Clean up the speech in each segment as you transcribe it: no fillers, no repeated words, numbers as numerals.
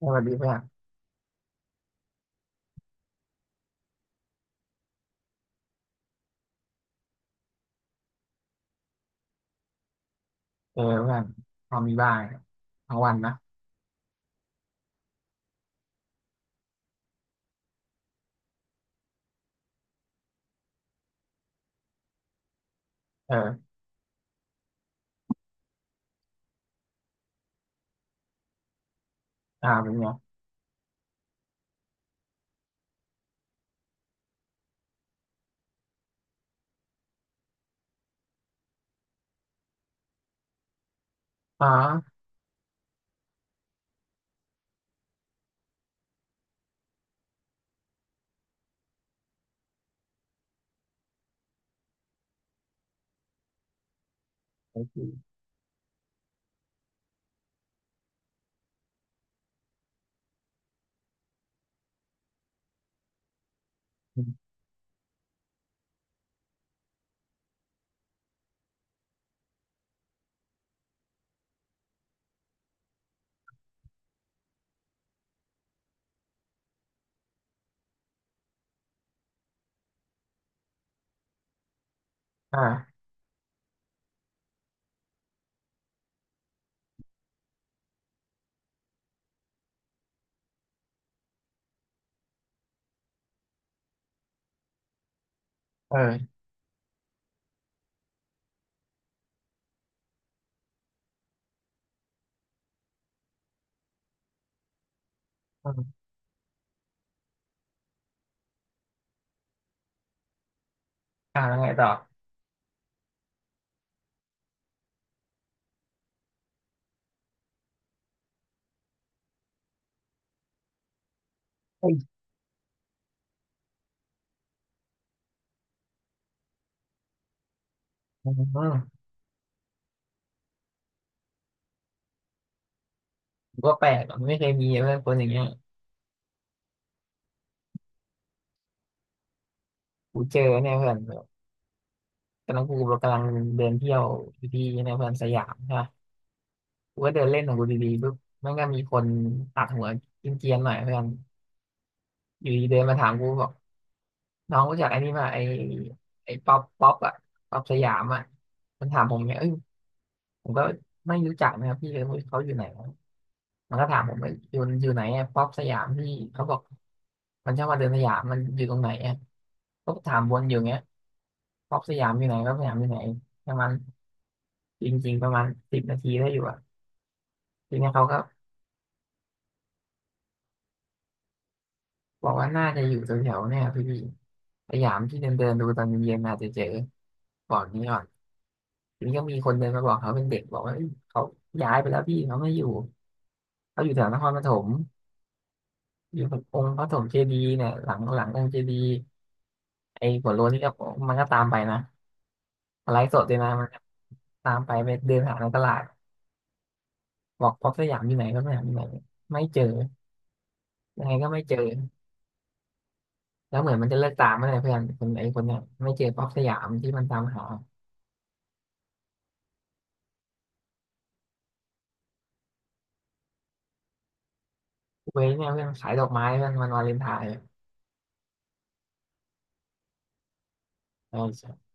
สวัสดีเพื่อนเออเพื่อนพอมีบ้างทั้งวันนะเอออ่าเป็นไงอ๋อโอเคอมอ่าเอออมอ่าแล้วไงต่อเฮ้ยอืมกก็แปลกอะไม่เคยมีเพื่อนคนอย่างเงี้ยกูเจอเนี่ยเพื่อนแบบตอนนั้นกูกำลังเดินเที่ยวอยู่ที่เนี่ยเพื่อนสยามใช่ปะกูก็เดินเล่นของกูดีๆปุ๊บมันก็มีคนตัดหัวกินเกรียนๆหน่อยเพื่อนอยู่ดีเดินมาถามกูบอกน้องรู้จักไอ้นี่ป่ะไอ้ป๊อปอะป๊อปสยามอะมันถามผมไงเอ้ย ผมก็ไม่รู้จักนะครับพี่เลยไม่รู้เขาอยู่ไหนมันก็ถามผมว่าอยู่ไหนอะป๊อปสยามพี่เขาบอกมันชอบมาเดินสยามมันอยู่ตรงไหนอะก็ถามวนอยู่เงี้ยป๊อปสยามอยู่ไหนป๊อปสยามอยู่ไหนประมาณจริงๆประมาณ10 นาทีได้อยู่อะทีเนี้ยเขาก็บอกว่าน่าจะอยู่แถวๆเนี่ยครับพี่สยามที่เดินเดินดูตอนเย็นๆอาจจะเจอบอกนี้ก่อนทีนี้ก็มีคนเดินมาบอกเขาเป็นเด็กบอกว่าเอ้ยเขาย้ายไปแล้วพี่เขาไม่อยู่เขาอยู่แถวนครปฐมอยู่ตรงองค์พระปฐมเจดีย์เนี่ยหลังองค์เจดีย์ ไอ้หัวโล้นนี่ก็มันก็ตามไปนะมาไลฟ์สดด้วยนะมันก็ตามไปไปเดินหาในตลาดบอกพ็อกสยามอยู่ไหนก็สยามอยู่ไหนไม่เจอยังไงก็ไม่เจอแล้วเหมือนมันจะเลิกตามไม่ได้เพื่อนคนไอ้คนเนี้ยไม่เจอพ็อกสยามที่มันตามหาเว้ยเนี่ยเพื่อนขายดอกไม้เพื่อนมันวาเลนไทน์เออใช่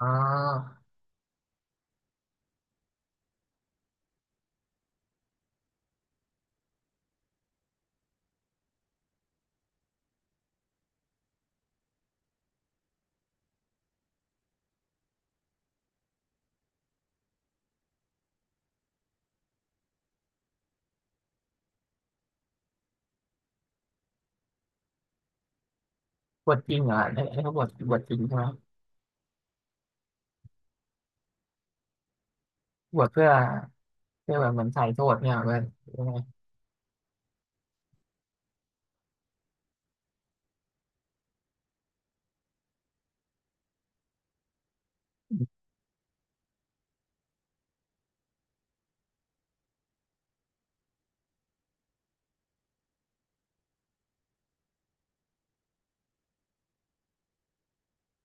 อ๋อบวชจริงเหรอไอ้ไอ้เขาบวชจริงใช่ไหมบวชเพื่อแบบเหมือนใส่โทษเนี่ยเพื่อนยังไง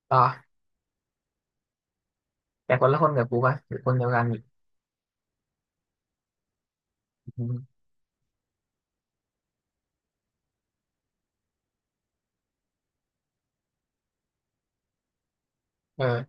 ต่อแต่คนละคนกับกูป่ะหรือคนเดียวกันอีกอืมเออ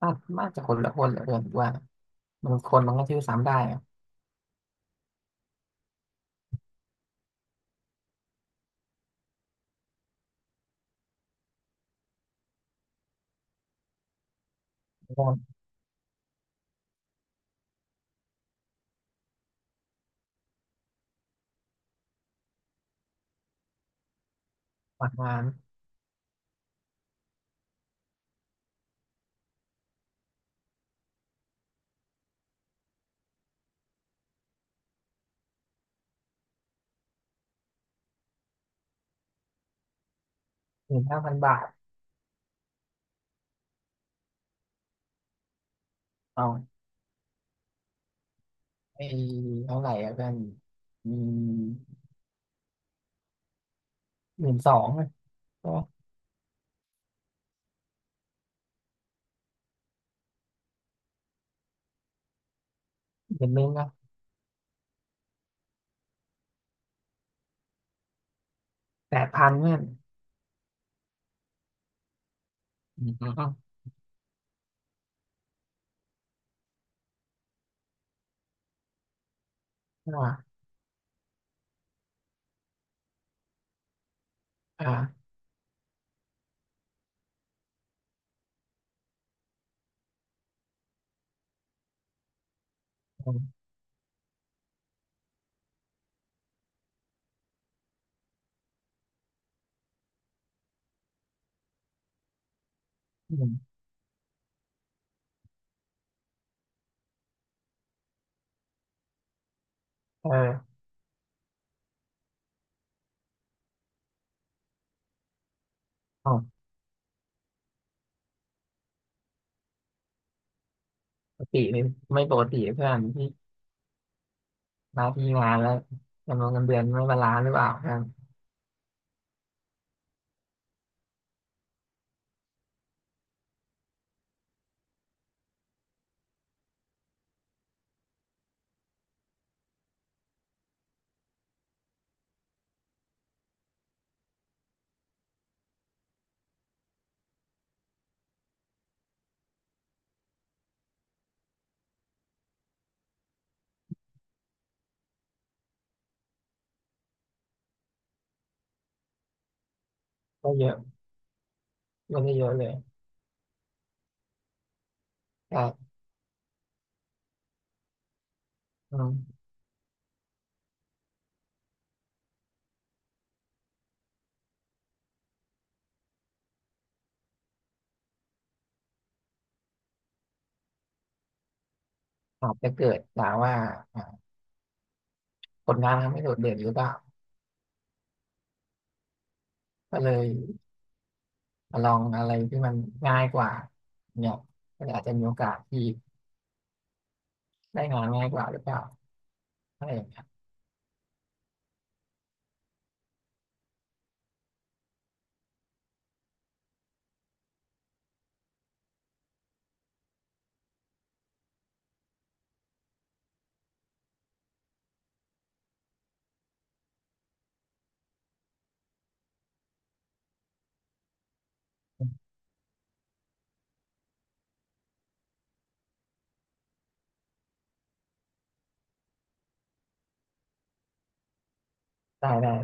น่าน่าจะคนละคนแหละเพื่อนกูว่า บางคนมันก็ซื้อซ้ำได้อะโดนหลักงาน15,000 บาทเอาไอ้เท่าไหร่อะเพื่อนอืม12,000ก็เดือนนึงอะ8,000เพื่อนอืมใช่ป่ะอ่าอืมอืมเออเอาปกตินี่ไม่ปกติเพื่อนที่มาที่งานแล้วจำนวนเงินเดือนไม่บาลานซ์หรือเปล่าเพื่อนก็เยอะก็ได้เยอะเลยแต่อืมอาจจะเกิดจากว่าอ่าผลงานทำไม่โดดเด่นหรือเปล่าก็เลย ลองอะไรที่มันง่ายกว่าเนี่ยก็อาจจะมีโอกาสที่ได้งานง่ายกว่าหรือเปล่าอะไรอย่างเงี้ยได้ได้